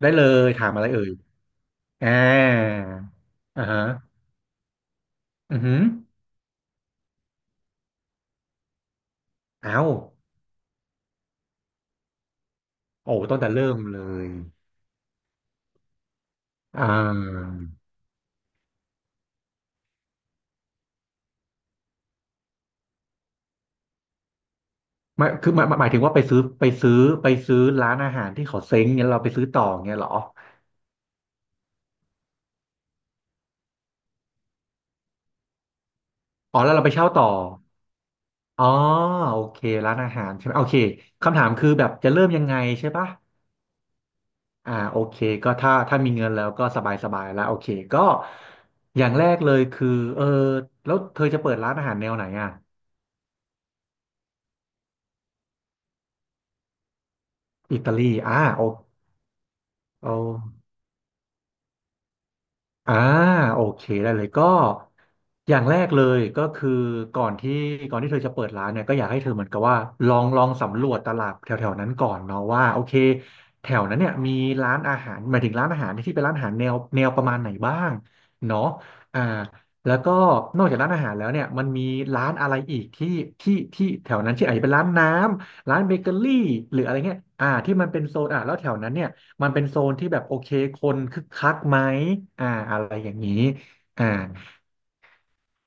ได้เลยถามอะไรเอ่ยอ่าอ่าฮะอือหืออ้าวโอ้ตั้งแต่เริ่มเลยอ่าไม่คือหมายถึงว่าไปซื้อร้านอาหารที่เขาเซ้งเนี่ยเราไปซื้อต่อเงี้ยเหรออ๋อแล้วเราไปเช่าต่ออ๋อโอเคร้านอาหารใช่ไหมโอเคคำถามคือแบบจะเริ่มยังไงใช่ปะอ่าโอเคก็ถ้ามีเงินแล้วก็สบายสบายแล้วโอเคก็อย่างแรกเลยคือเออแล้วเธอจะเปิดร้านอาหารแนวไหนอ่ะอิตาลีอ่าโอ เอาอ่าโอเคได้เลยก็อย่างแรกเลยก็คือก่อนที่ก่อนที่เธอจะเปิดร้านเนี่ยก็อยากให้เธอเหมือนกับว่าลองสำรวจตลาดแถวๆนั้นก่อนเนาะว่าโอเคแถวนั้นเนี่ยมีร้านอาหารหมายถึงร้านอาหารที่เป็นร้านอาหารแนวประมาณไหนบ้างเนาะอ่าแล้วก็นอกจากร้านอาหารแล้วเนี่ยมันมีร้านอะไรอีกที่ที่แถวนั้นที่อาจจะเป็นร้านน้ำร้านเบเกอรี่หรืออะไรเงี้ยอ่าที่มันเป็นโซนอ่าแล้วแถวนั้นเนี่ย มันเป็นโซนที่แบบโอเคคนคึกคักไหมอ่าอะไรอย่างนี้อ่า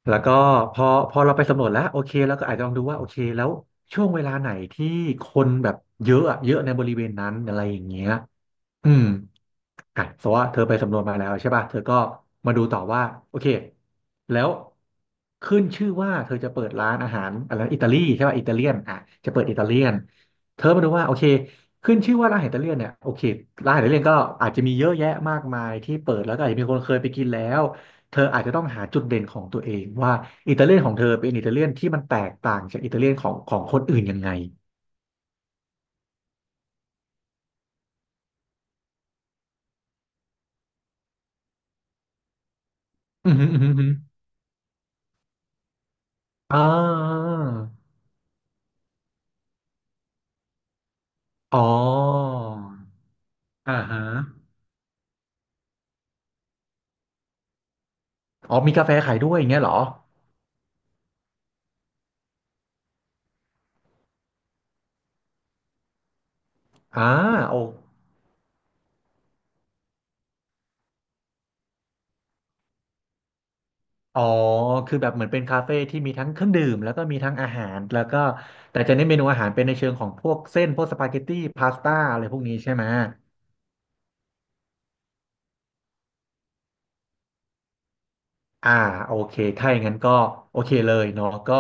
แล้วก็พอพอเราไปสำรวจแล้วโอเคแล้วก็อาจจะลองดูว่าโอเคแล้วช่วงเวลาไหนที่คนแบบเยอะอะเยอะในบริเวณนั้นอะไรอย่างเงี้ย อืมอ่ะสมมติว่าเธอไปสำรวจมาแล้วใช่ป่ะเธอก็มาดูต่อว่าโอเคแล้วขึ้นชื่อว่าเธอจะเปิดร้านอาหารอะไรอิตาลีใช่ป่ะอิตาเลียนอ่ะจะเปิดอิตาเลียนเธอมาดูว่าโอเคขึ้นชื่อว่าร้านอหาิตาเลียนเนี่ยโอเคร้านออิตาเลียนก็อาจจะมีเยอะแยะมากมายที่เปิดแล้วก็อาจจะมีคนเคยไปกินแล้วเธออาจจะต้องหาจุดเด่นของตัวเองว่าอิตาเลียนของเธอเป็นอิตาเลียนที่มันแตกต่างจากอิตาเลียนของคนอื่นยังไงอืมอหืมออืมอหืออ่าอ๋อ อ่าฮะอ๋อมีกาแฟขายด้วยอย่างเงี้ยเหรออ่าโออ๋อ คือแบบเหมือนเป็นคาเฟ่ที่มีทั้งเครื่องดื่มแล้วก็มีทั้งอาหารแล้วก็แต่จะเน้นเมนูอาหารเป็นในเชิงของพวกเส้นพวกสปาเกตตี้พาสต้าอะไรพวกนี้ใช่ไหมอ่าโอเคถ้าอย่างนั้นก็โอเคเลยเนาะก็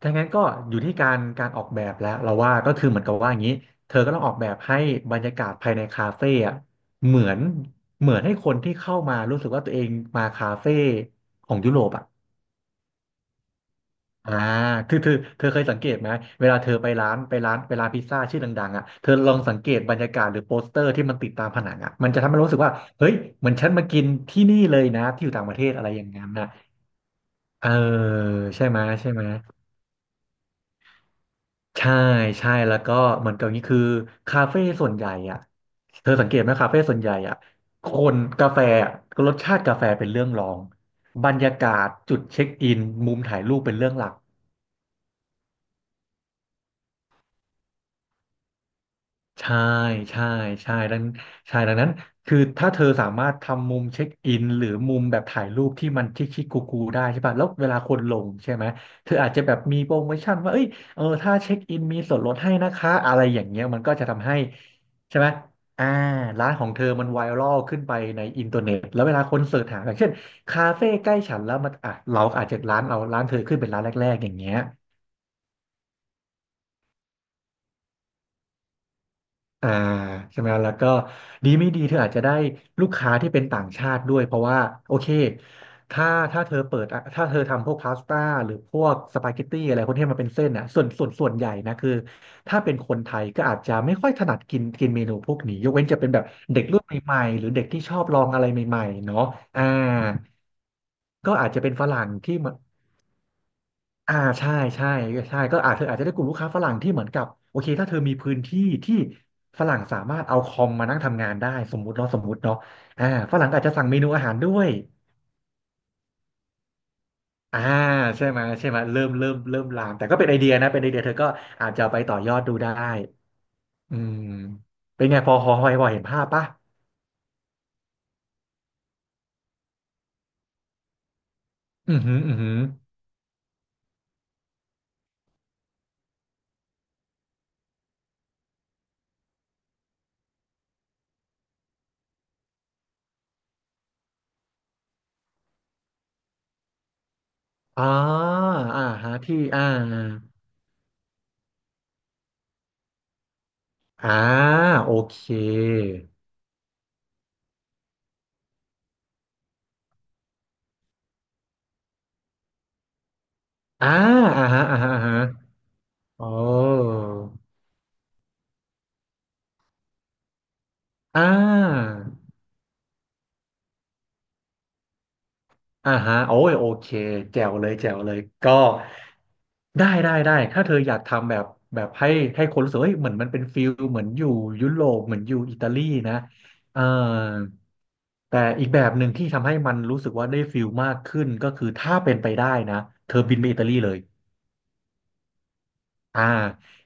ถ้างั้นก็อยู่ที่การออกแบบแล้วเราว่าก็คือเหมือนกับว่าอย่างนี้เธอก็ต้องออกแบบให้บรรยากาศภายในคาเฟ่อะเหมือนเหมือนให้คนที่เข้ามารู้สึกว่าตัวเองมาคาเฟ่ของยุโรปอะ อ่าคือเธอเคยสังเกตไหมเวลาเธอไปร้านพิซซ่าชื่อดังๆอ่ะเธอลองสังเกตบรรยากาศหรือโปสเตอร์ที่มันติดตามผนังอ่ะมันจะทำให้เรารู้สึกว่า เฮ้ยเหมือนฉันมากินที่นี่เลยนะที่อยู่ต่างประเทศอะไรอย่างนั้นน่ะเออใช่ไหมใช่ใช่แล้วก็เหมือนกับนี้คือคาเฟ่ส่วนใหญ่อ่ะเธอสังเกตไหมคาเฟ่ส่วนใหญ่อ่ะคนกาแฟอะรสชาติกาแฟเป็นเรื่องรองบรรยากาศจุดเช็คอินมุมถ่ายรูปเป็นเรื่องหลัก ใช่ใช่ใช่ดังใช่ดังนั้นคือถ้าเธอสามารถทำมุมเช็คอินหรือมุมแบบถ่ายรูปที่มันชิคชิคกูกูได้ใช่ป่ะแล้วเวลาคนลงใช่ไหมเธออาจจะแบบมีโปรโมชั่นว่าเอ้ยเออถ้าเช็คอินมีส่วนลดให้นะคะอะไรอย่างเงี้ยมันก็จะทำให้ใช่ไหมอ่าร้านของเธอมันไวรัลขึ้นไปในอินเทอร์เน็ตแล้วเวลาคนเสิร์ชหาอย่างเช่นคาเฟ่ใกล้ฉันแล้วมันอ่ะเราอาจจะร้านเธอขึ้นเป็นร้านแรกๆอย่างเงี้ย อ่าใช่ไหมแล้วก็ดีไม่ดีเธออาจจะได้ลูกค้าที่เป็นต่างชาติด้วยเพราะว่าโอเคถ้าถ้าเธอเปิดอ่ะถ้าเธอทำพวกพาสต้าหรือพวกสปาเกตตี้อะไรพวกที่มันเป็นเส้นนะส่วนใหญ่นะคือถ้าเป็นคนไทยก็อาจจะไม่ค่อยถนัดกินกินเมนูพวกนี้ยกเว้นจะเป็นแบบเด็กรุ่นใหม่ๆหรือเด็กที่ชอบลองอะไรใหม่ๆเนาะอ่าก็อาจจะเป็นฝรั่งที่ อ่าใช่ใช่ใช่ก็อาจเธออาจจะได้กลุ่มลูกค้าฝรั่งที่เหมือนกับโอเคถ้าเธอมีพื้นที่ที่ฝรั่งสามารถเอาคอมมานั่งทำงานได้สมมุติเนาะสมมุติเนาะอ่าฝรั่งก็อาจจะสั่งเมนูอาหารด้วยอ่าใช่ไหมใช่ไหมเริ่มลามแต่ก็เป็นไอเดียนะเป็นไอเดียเธอก็อาจจะเอาไปต่อยอดดูได้อืมเป็นไงพอเห็นภาพปะอือหืออือหืออ๋ออ่าฮะที่อ่าอ่าโอเคอ่าอ่าฮะอ่าฮะอ่าฮะโอ้ อ่าอ่าฮะโอ้ยโอเค แจ๋วเลยแจ๋วเลยก็ได้ได้ได้ถ้าเธออยากทำแบบแบบให้คนรู้สึกเฮ้ยเหมือนมันเป็นฟิลเหมือนอยู่ยุโรปเหมือนอยู่อิตาลีนะเอ่อแต่อีกแบบหนึ่งที่ทำให้มันรู้สึกว่าได้ฟิลมากขึ้นก็คือถ้าเป็นไปได้นะ เธอบินไปอิตาลีเลย อ่า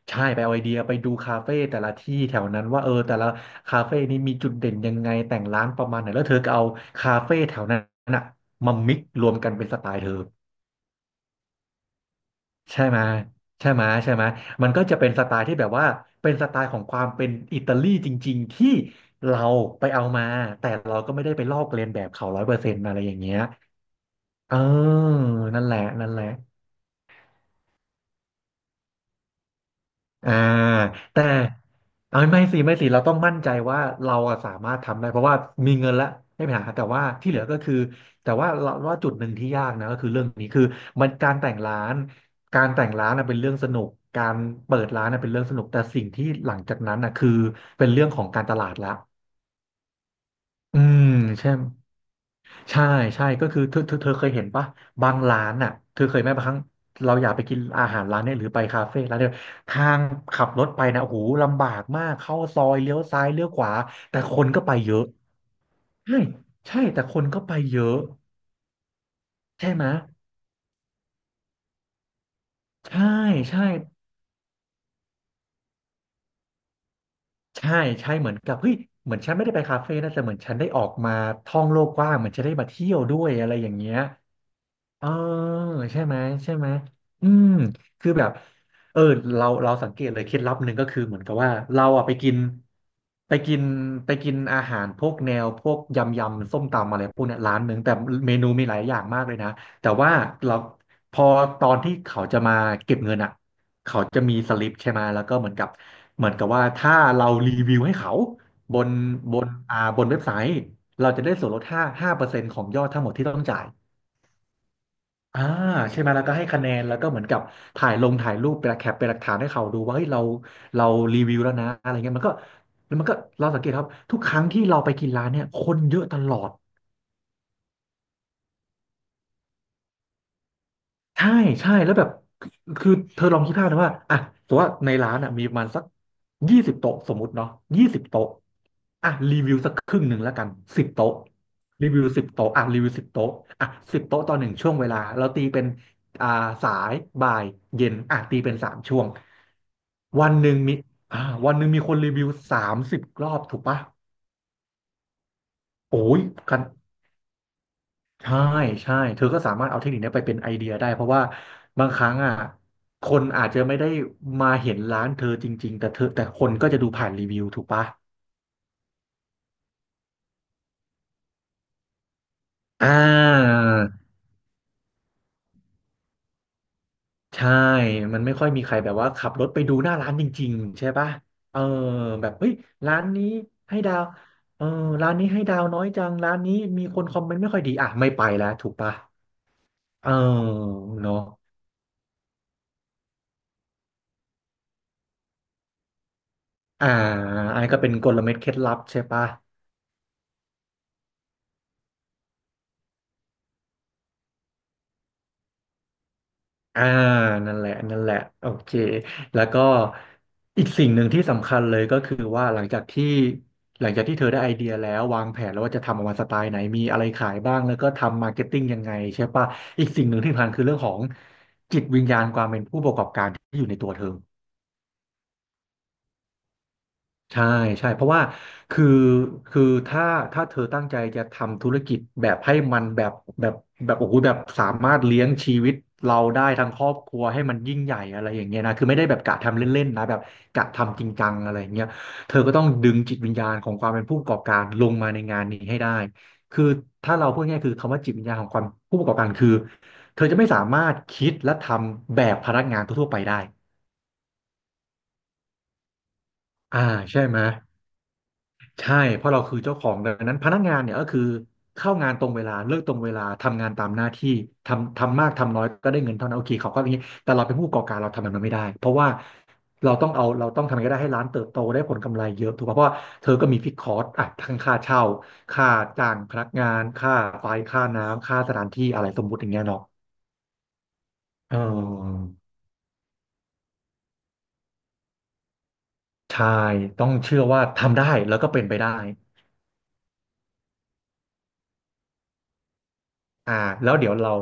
ใช่ไปเอาไอเดียไปดูคาเฟ่แต่ละที่แถวนั้นว่าเออแต่ละคาเฟ่นี้มีจุดเด่นยังไงแต่งร้านประมาณไหนแล้วเธอก็เอาคาเฟ่แถวนั้นน่ะมามิกซ์รวมกันเป็นสไตล์เธอใช่ไหมใช่ไหมใช่ไหมมันก็จะเป็นสไตล์ที่แบบว่าเป็นสไตล์ของความเป็นอิตาลีจริงๆที่เราไปเอามาแต่เราก็ไม่ได้ไปลอกเลียนแบบเขา100%อะไรอย่างเงี้ยเออนั่นแหละนั่นแหละ อ่าแต่เอยไม่สิไม่สิเราต้องมั่นใจว่าเราอะสามารถทำได้เพราะว่ามีเงินแล้วไม่มีปัญหาแต่ว่าที่เหลือก็คือแต่ว่าเราว่าจุดหนึ่งที่ยากนะก็คือเรื่องนี้คือมันการแต่งร้านการแต่งร้านน่ะเป็นเรื่องสนุกการเปิดร้านน่ะเป็นเรื่องสนุกแต่สิ่งที่หลังจากนั้นน่ะคือเป็นเรื่องของการตลาดละอืมใช่ ใช่ใช่ก็คือเธอเคยเห็นปะบางร้านอ่ะเธอเคยไหมบางครั้งเราอยากไปกินอาหารร้านเนี้ยหรือไปคาเฟ่ร้านเนี่ยทางขับรถไปนะโอ้โหลำบากมากเข้าซอยเลี้ยวซ้ายเลี้ยวขวาแต่คนก็ไปเยอะใช่ใช่แต่คนก็ไปเยอะใช่ไหมใช่ใช่ใช่ใช่เหมือนกับเฮ้ยเหมือนฉันไม่ได้ไปคาเฟ่นะแต่เหมือนฉันได้ออกมาท่องโลกกว้างเหมือนฉันได้มาเที่ยวด้วยอะไรอย่างเงี้ย เออใช่ไหมใช่ไหมอืมคือแบบเออเราสังเกตเลยเคล็ดลับหนึ่งก็คือเหมือนกับว่าเราอะไปกินไปกินอาหารพวกแนวพวกยำยำส้มตำอะไรพวกเนี้ยร้านหนึ่งแต่เมนูมีหลายอย่างมากเลยนะแต่ว่าเราพอตอนที่เขาจะมาเก็บเงินอ่ะเขาจะมีสลิปใช่ไหมแล้วก็เหมือนกับเหมือนกับว่าถ้าเรารีวิวให้เขาบนบนเว็บไซต์เราจะได้ส่วนลดห้าเปอร์เซ็นต์ของยอดทั้งหมดที่ต้องจ่าย อ่าใช่ไหมแล้วก็ให้คะแนนแล้วก็เหมือนกับถ่ายลงถ่ายรูปเป็นแคปเป็นหลักฐานให้เขาดูว่าเฮ้ยเรารีวิวแล้วนะอะไรเงี้ยมันก็แล้วมันก็เราสังเกตครับทุกครั้งที่เราไปกินร้านเนี่ยคนเยอะตลอด ใช่ใช่แล้วแบบคือเธอลองคิดภาพนะว่าอ่ะสมมติว่าในร้านอ่ะมีประมาณสักยี่สิบโต๊ะสมมุติเนาะยี่สิบโต๊ะอ่ะรีวิวสักครึ่งหนึ่งแล้วกันสิบโต๊ะรีวิวสิบโต๊ะอ่ะรีวิวสิบโต๊ะอ่ะสิบโต๊ะต่อหนึ่งช่วงเวลาเราตีเป็นอ่าสายบ่ายเย็นอ่ะตีเป็น3 ช่วงวันหนึ่งมีวันหนึ่งมีคนรีวิว30 รอบถูกปะโอ้ยกัน ใช่ใช่เธอก็สามารถเอาเทคนิคเนี้ยไปเป็นไอเดียได้เพราะว่าบางครั้งอ่ะคนอาจจะไม่ได้มาเห็นร้านเธอจริงๆแต่เธอแต่คนก็จะดูผ่านรีวิวถูกปะอ่าใช่มันไม่ค่อยมีใครแบบว่าขับรถไปดูหน้าร้านจริงๆใช่ปะเออแบบเฮ้ยร้านนี้ให้ดาวเออร้านนี้ให้ดาวน้อยจังร้านนี้มีคนคอมเมนต์ไม่ค่อยดีอ่ะไม่ไปแล้วถูกปะเออเนาะอ่าอันนี้ก็เป็นกลเม็ดเคล็ดลับใช่ปะ อ่านั่นแหละนั่นแหละโอเคแล้วก็อีกสิ่งหนึ่งที่สำคัญเลยก็คือว่าหลังจากที่เธอได้ไอเดียแล้ววางแผนแล้วว่าจะทำออกมาสไตล์ไหนมีอะไรขายบ้างแล้วก็ทำมาร์เก็ตติ้งยังไงใช่ปะอีกสิ่งหนึ่งที่สำคัญคือเรื่องของจิตวิญญาณความเป็นผู้ประกอบการที่อยู่ในตัวเธอ ใช่ใช่เพราะว่าคือคือถ้าเธอตั้งใจจะทำธุรกิจแบบให้มันแบบแบบแบบโอ้โหแบบสามารถเลี้ยงชีวิตเราได้ทั้งครอบครัวให้มันยิ่งใหญ่อะไรอย่างเงี้ยนะคือไม่ได้แบบกะทำเล่นๆนะแบบกะทำจริงจังอะไรอย่างเงี้ยเธอก็ต้องดึงจิตวิญญาณของความเป็นผู้ประกอบการลงมาในงานนี้ให้ได้คือถ้าเราพูดง่ายๆคือคำว่าจิตวิญญาณของความผู้ประกอบการคือเธอจะไม่สามารถคิดและทำแบบพนักงานทั่วๆไปได้อ่าใช่ไหม ใช่เพราะเราคือเจ้าของดังนั้นพนักงานเนี่ยก็คือเข้างานตรงเวลาเลิกตรงเวลาทำงานตามหน้าที่ทำมากทำน้อยก็ได้เงินเท่านั้นโอเคเขาก็อย่างนี้แต่เราเป็นผู้ประกอบการเราทำแบบนั้นไม่ได้เพราะว่าเราต้องเอาเราต้องทำยังไงก็ได้ให้ร้านเติบโตได้ผลกำไรเยอะถูกป่ะเพราะว่าเธอก็มีฟิกคอร์สอ่ะทั้งค่าเช่าค่าจ้างพนักงานค่าไฟค่าน้ำค่าสถานที่อะไรสมมุติอย่างเงี้ยเนาะเออใช่ต้องเชื่อว่าทำได้แล้วก็เป็นไปได้ อ่าแล้วเดี๋ยวเรา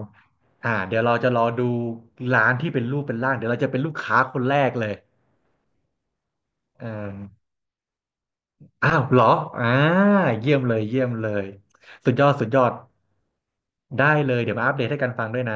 อ่าเดี๋ยวเราจะรอดูร้านที่เป็นรูปเป็นร่างเดี๋ยวเราจะเป็นลูกค้าคนแรกเลยอ่าอ้าวเหรออ่าเยี่ยมเลยเยี่ยมเลยสุดยอดสุดยอดได้เลยเดี๋ยวมาอัปเดตให้กันฟังด้วยนะ